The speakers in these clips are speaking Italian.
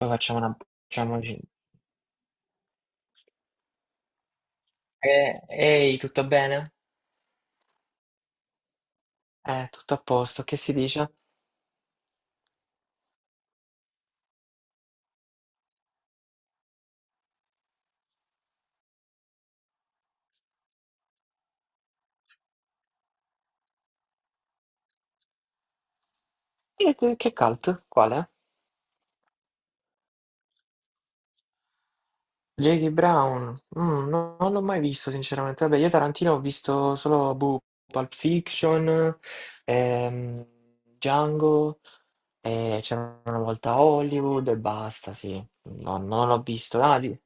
Poi facciamo una... facciamoci... Ehi, tutto bene? Tutto a posto, che si dice? Che cult? Quale? Jackie Brown? Non l'ho mai visto, sinceramente. Vabbè, io Tarantino ho visto solo boh, Pulp Fiction, ehm, Django, c'era una volta Hollywood e basta, sì. No, non l'ho visto. Ah.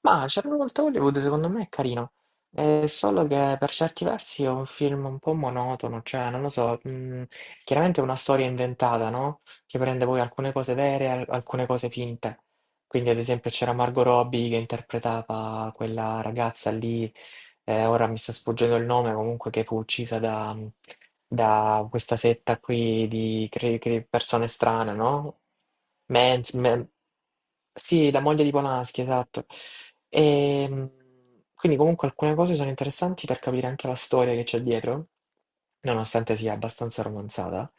Ma Charlotte Hollywood secondo me è carino, è solo che per certi versi è un film un po' monotono, cioè non lo so, chiaramente è una storia inventata, no? Che prende poi alcune cose vere e alcune cose finte. Quindi ad esempio c'era Margot Robbie che interpretava quella ragazza lì, ora mi sta sfuggendo il nome, comunque che fu uccisa da, da questa setta qui di persone strane, no? Mans, men- sì, la moglie di Polanski, esatto. E, quindi comunque alcune cose sono interessanti per capire anche la storia che c'è dietro, nonostante sia abbastanza romanzata.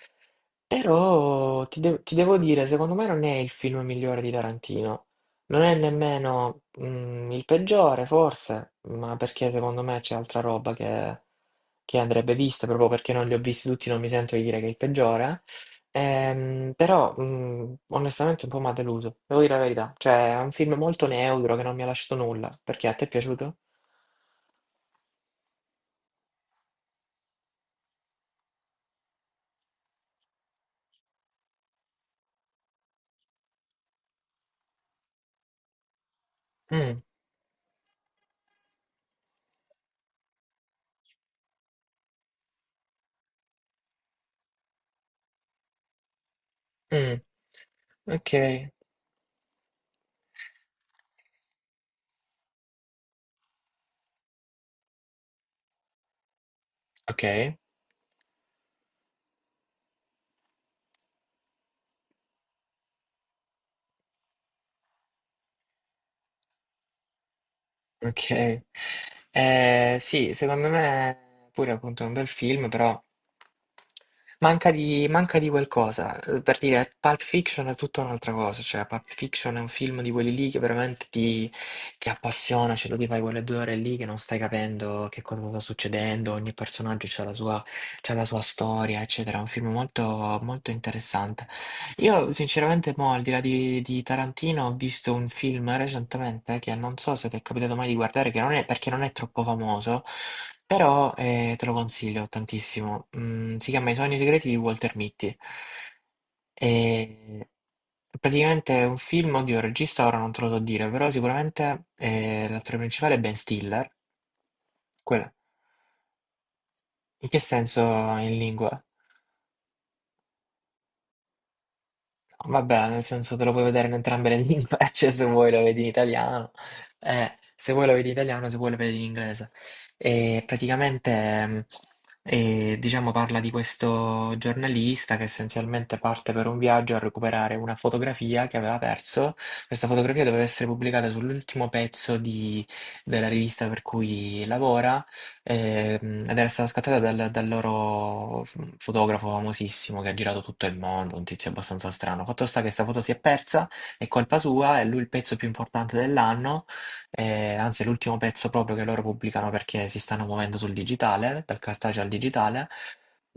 Però ti devo dire, secondo me non è il film migliore di Tarantino, non è nemmeno, il peggiore forse, ma perché secondo me c'è altra roba che andrebbe vista, proprio perché non li ho visti tutti, non mi sento di dire che è il peggiore. Però, onestamente un po' m'ha deluso, devo dire la verità. Cioè è un film molto neutro che non mi ha lasciato nulla. Perché, a te è piaciuto? Mh, mh, okay. Okay. Ok. Sì, secondo me pure appunto è un bel film, però manca di qualcosa. Per dire, Pulp Fiction è tutta un'altra cosa, cioè Pulp Fiction è un film di quelli lì che veramente ti appassiona, cioè tu ti fai quelle due ore lì che non stai capendo che cosa sta succedendo, ogni personaggio c'ha la sua storia, eccetera. È un film molto, molto interessante. Io sinceramente mo, al di là di Tarantino, ho visto un film recentemente che non so se ti è capitato mai di guardare, che non è, perché non è troppo famoso, però te lo consiglio tantissimo. Si chiama I sogni segreti di Walter Mitty. E praticamente è un film, oddio, il regista ora non te lo so dire, però sicuramente l'attore principale è Ben Stiller. Quello. In che senso in lingua? Vabbè, nel senso te lo puoi vedere in entrambe le lingue, cioè se vuoi lo vedi in italiano, se vuoi lo vedi in italiano, se vuoi lo vedi in inglese. E praticamente, diciamo, parla di questo giornalista che essenzialmente parte per un viaggio a recuperare una fotografia che aveva perso. Questa fotografia doveva essere pubblicata sull'ultimo pezzo della rivista per cui lavora. Ed era stata scattata dal, dal loro fotografo famosissimo che ha girato tutto il mondo, un tizio abbastanza strano. Fatto sta che sta foto si è persa, è colpa sua, è lui il pezzo più importante dell'anno, anzi è l'ultimo pezzo proprio che loro pubblicano perché si stanno muovendo sul digitale, dal cartaceo al digitale.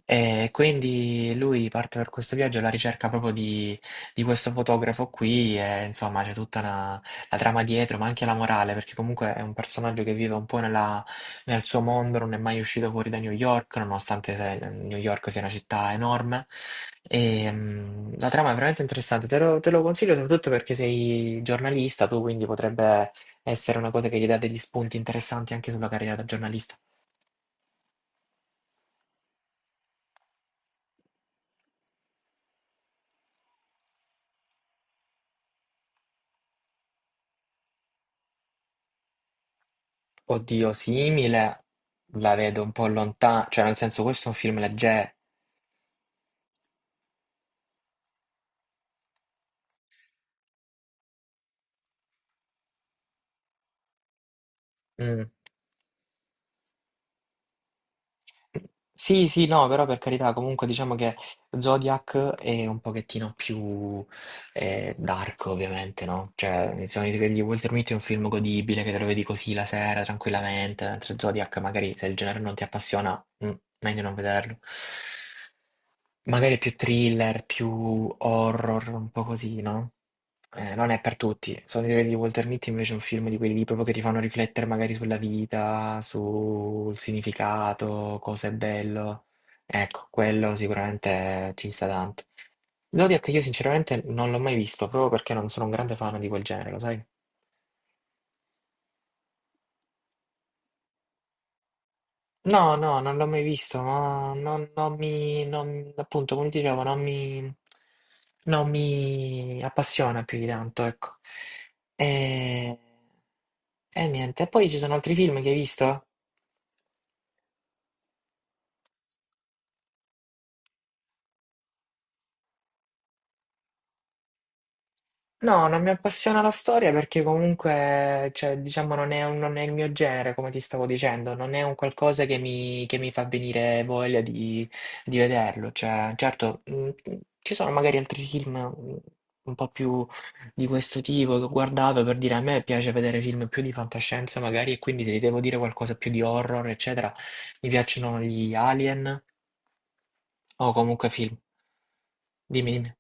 E quindi lui parte per questo viaggio alla ricerca proprio di questo fotografo qui e insomma c'è tutta la trama dietro, ma anche la morale, perché comunque è un personaggio che vive un po' nel suo mondo, non è mai uscito fuori da New York, nonostante New York sia una città enorme. La trama è veramente interessante, te lo consiglio soprattutto perché sei giornalista, tu quindi potrebbe essere una cosa che gli dà degli spunti interessanti anche sulla carriera da giornalista. Oddio, simile la vedo un po' lontana, cioè nel senso questo è un film leggero. Mm. Sì, sì, no, però per carità, comunque diciamo che Zodiac è un pochettino più dark, ovviamente, no? Cioè, i sogni di Walter Mitty è un film godibile che te lo vedi così la sera, tranquillamente, mentre Zodiac magari se il genere non ti appassiona, meglio non vederlo. Magari più thriller, più horror, un po' così, no? Non è per tutti. Sono i libri di Walter Mitty invece è un film di quelli lì proprio che ti fanno riflettere magari sulla vita, sul significato, cosa è bello. Ecco, quello sicuramente ci sta tanto. Zodiac io sinceramente non l'ho mai visto, proprio perché non sono un grande fan di quel genere, lo sai? No, no, non l'ho mai visto, ma non, non mi, non- appunto, come ti dicevo, non mi appassiona più di tanto, ecco. E, e niente, e poi ci sono altri film che hai visto? No, non mi appassiona la storia perché comunque, cioè, diciamo, non è, non è il mio genere, come ti stavo dicendo, non è un qualcosa che mi fa venire voglia di vederlo. Cioè, certo, ci sono magari altri film un po' più di questo tipo che ho guardato per dire a me piace vedere film più di fantascienza magari e quindi ti devo dire qualcosa più di horror, eccetera. Mi piacciono gli Alien o comunque film. Dimmi, dimmi.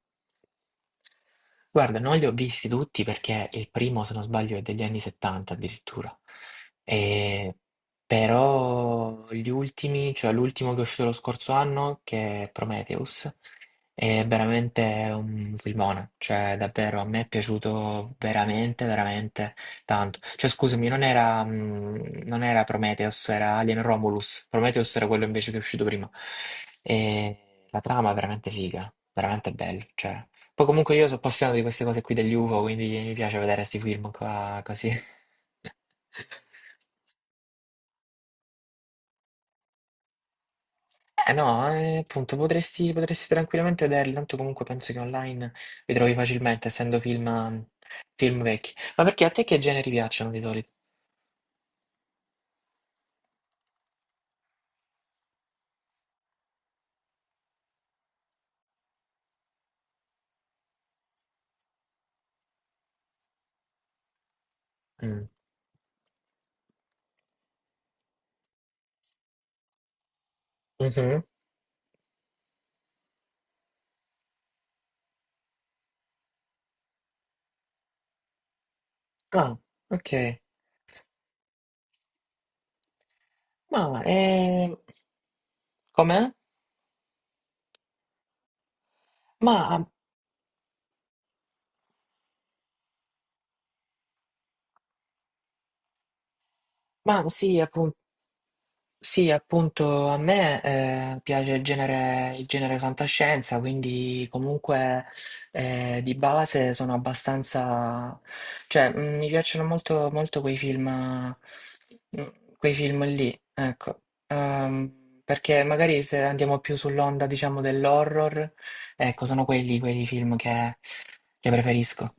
Guarda, non li ho visti tutti perché il primo, se non sbaglio, è degli anni 70 addirittura. E- Però gli ultimi, cioè l'ultimo che è uscito lo scorso anno, che è Prometheus, è veramente un filmone. Cioè, davvero, a me è piaciuto veramente, veramente tanto. Cioè, scusami, non era, non era Prometheus, era Alien Romulus. Prometheus era quello invece che è uscito prima. E la trama è veramente figa, veramente bella, cioè. Poi comunque io sono appassionato di queste cose qui degli UFO, quindi mi piace vedere questi film qua così. Eh no, appunto, potresti, potresti tranquillamente vederli, tanto comunque penso che online li trovi facilmente, essendo film, film vecchi. Ma perché a te che generi piacciono di solito? Mm. Mhm. Ah, ok. Ma, com'è? Ma, ma sì, appunto. Sì, appunto, a me piace il genere fantascienza, quindi comunque di base sono abbastanza... cioè, mi piacciono molto, molto quei film, mm, quei film lì, ecco. Perché magari se andiamo più sull'onda, diciamo, dell'horror, ecco, sono quelli film che preferisco.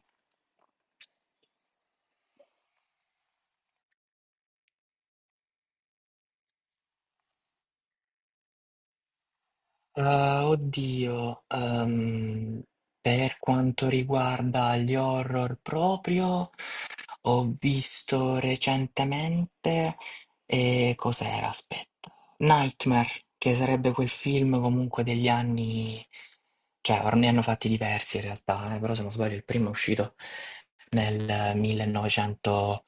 Ah, oddio, per quanto riguarda gli horror proprio, ho visto recentemente, e cos'era? Aspetta, Nightmare, che sarebbe quel film comunque degli anni, cioè ne hanno fatti diversi in realtà, però se non sbaglio il primo è uscito nel 1990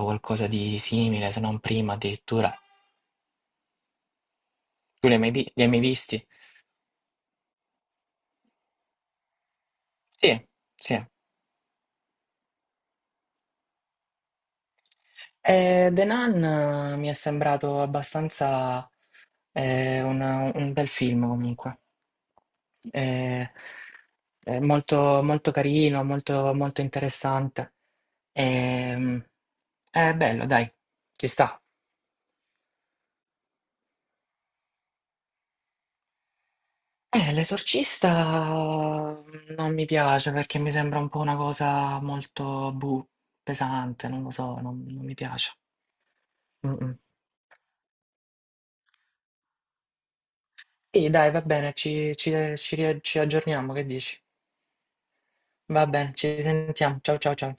o qualcosa di simile, se non prima addirittura. Tu li hai mai visti? Sì, sì. The Nun mi è sembrato abbastanza eh, un, un bel film comunque. Eh, è molto, molto carino, molto, molto interessante. Ehm, è bello, dai, ci sta. L'esorcista non mi piace perché mi sembra un po' una cosa molto buh, pesante, non lo so, non, non mi piace. Mm, mm. Sì, dai, va bene, ci aggiorniamo, che dici? Va bene, ci sentiamo. Ciao ciao ciao.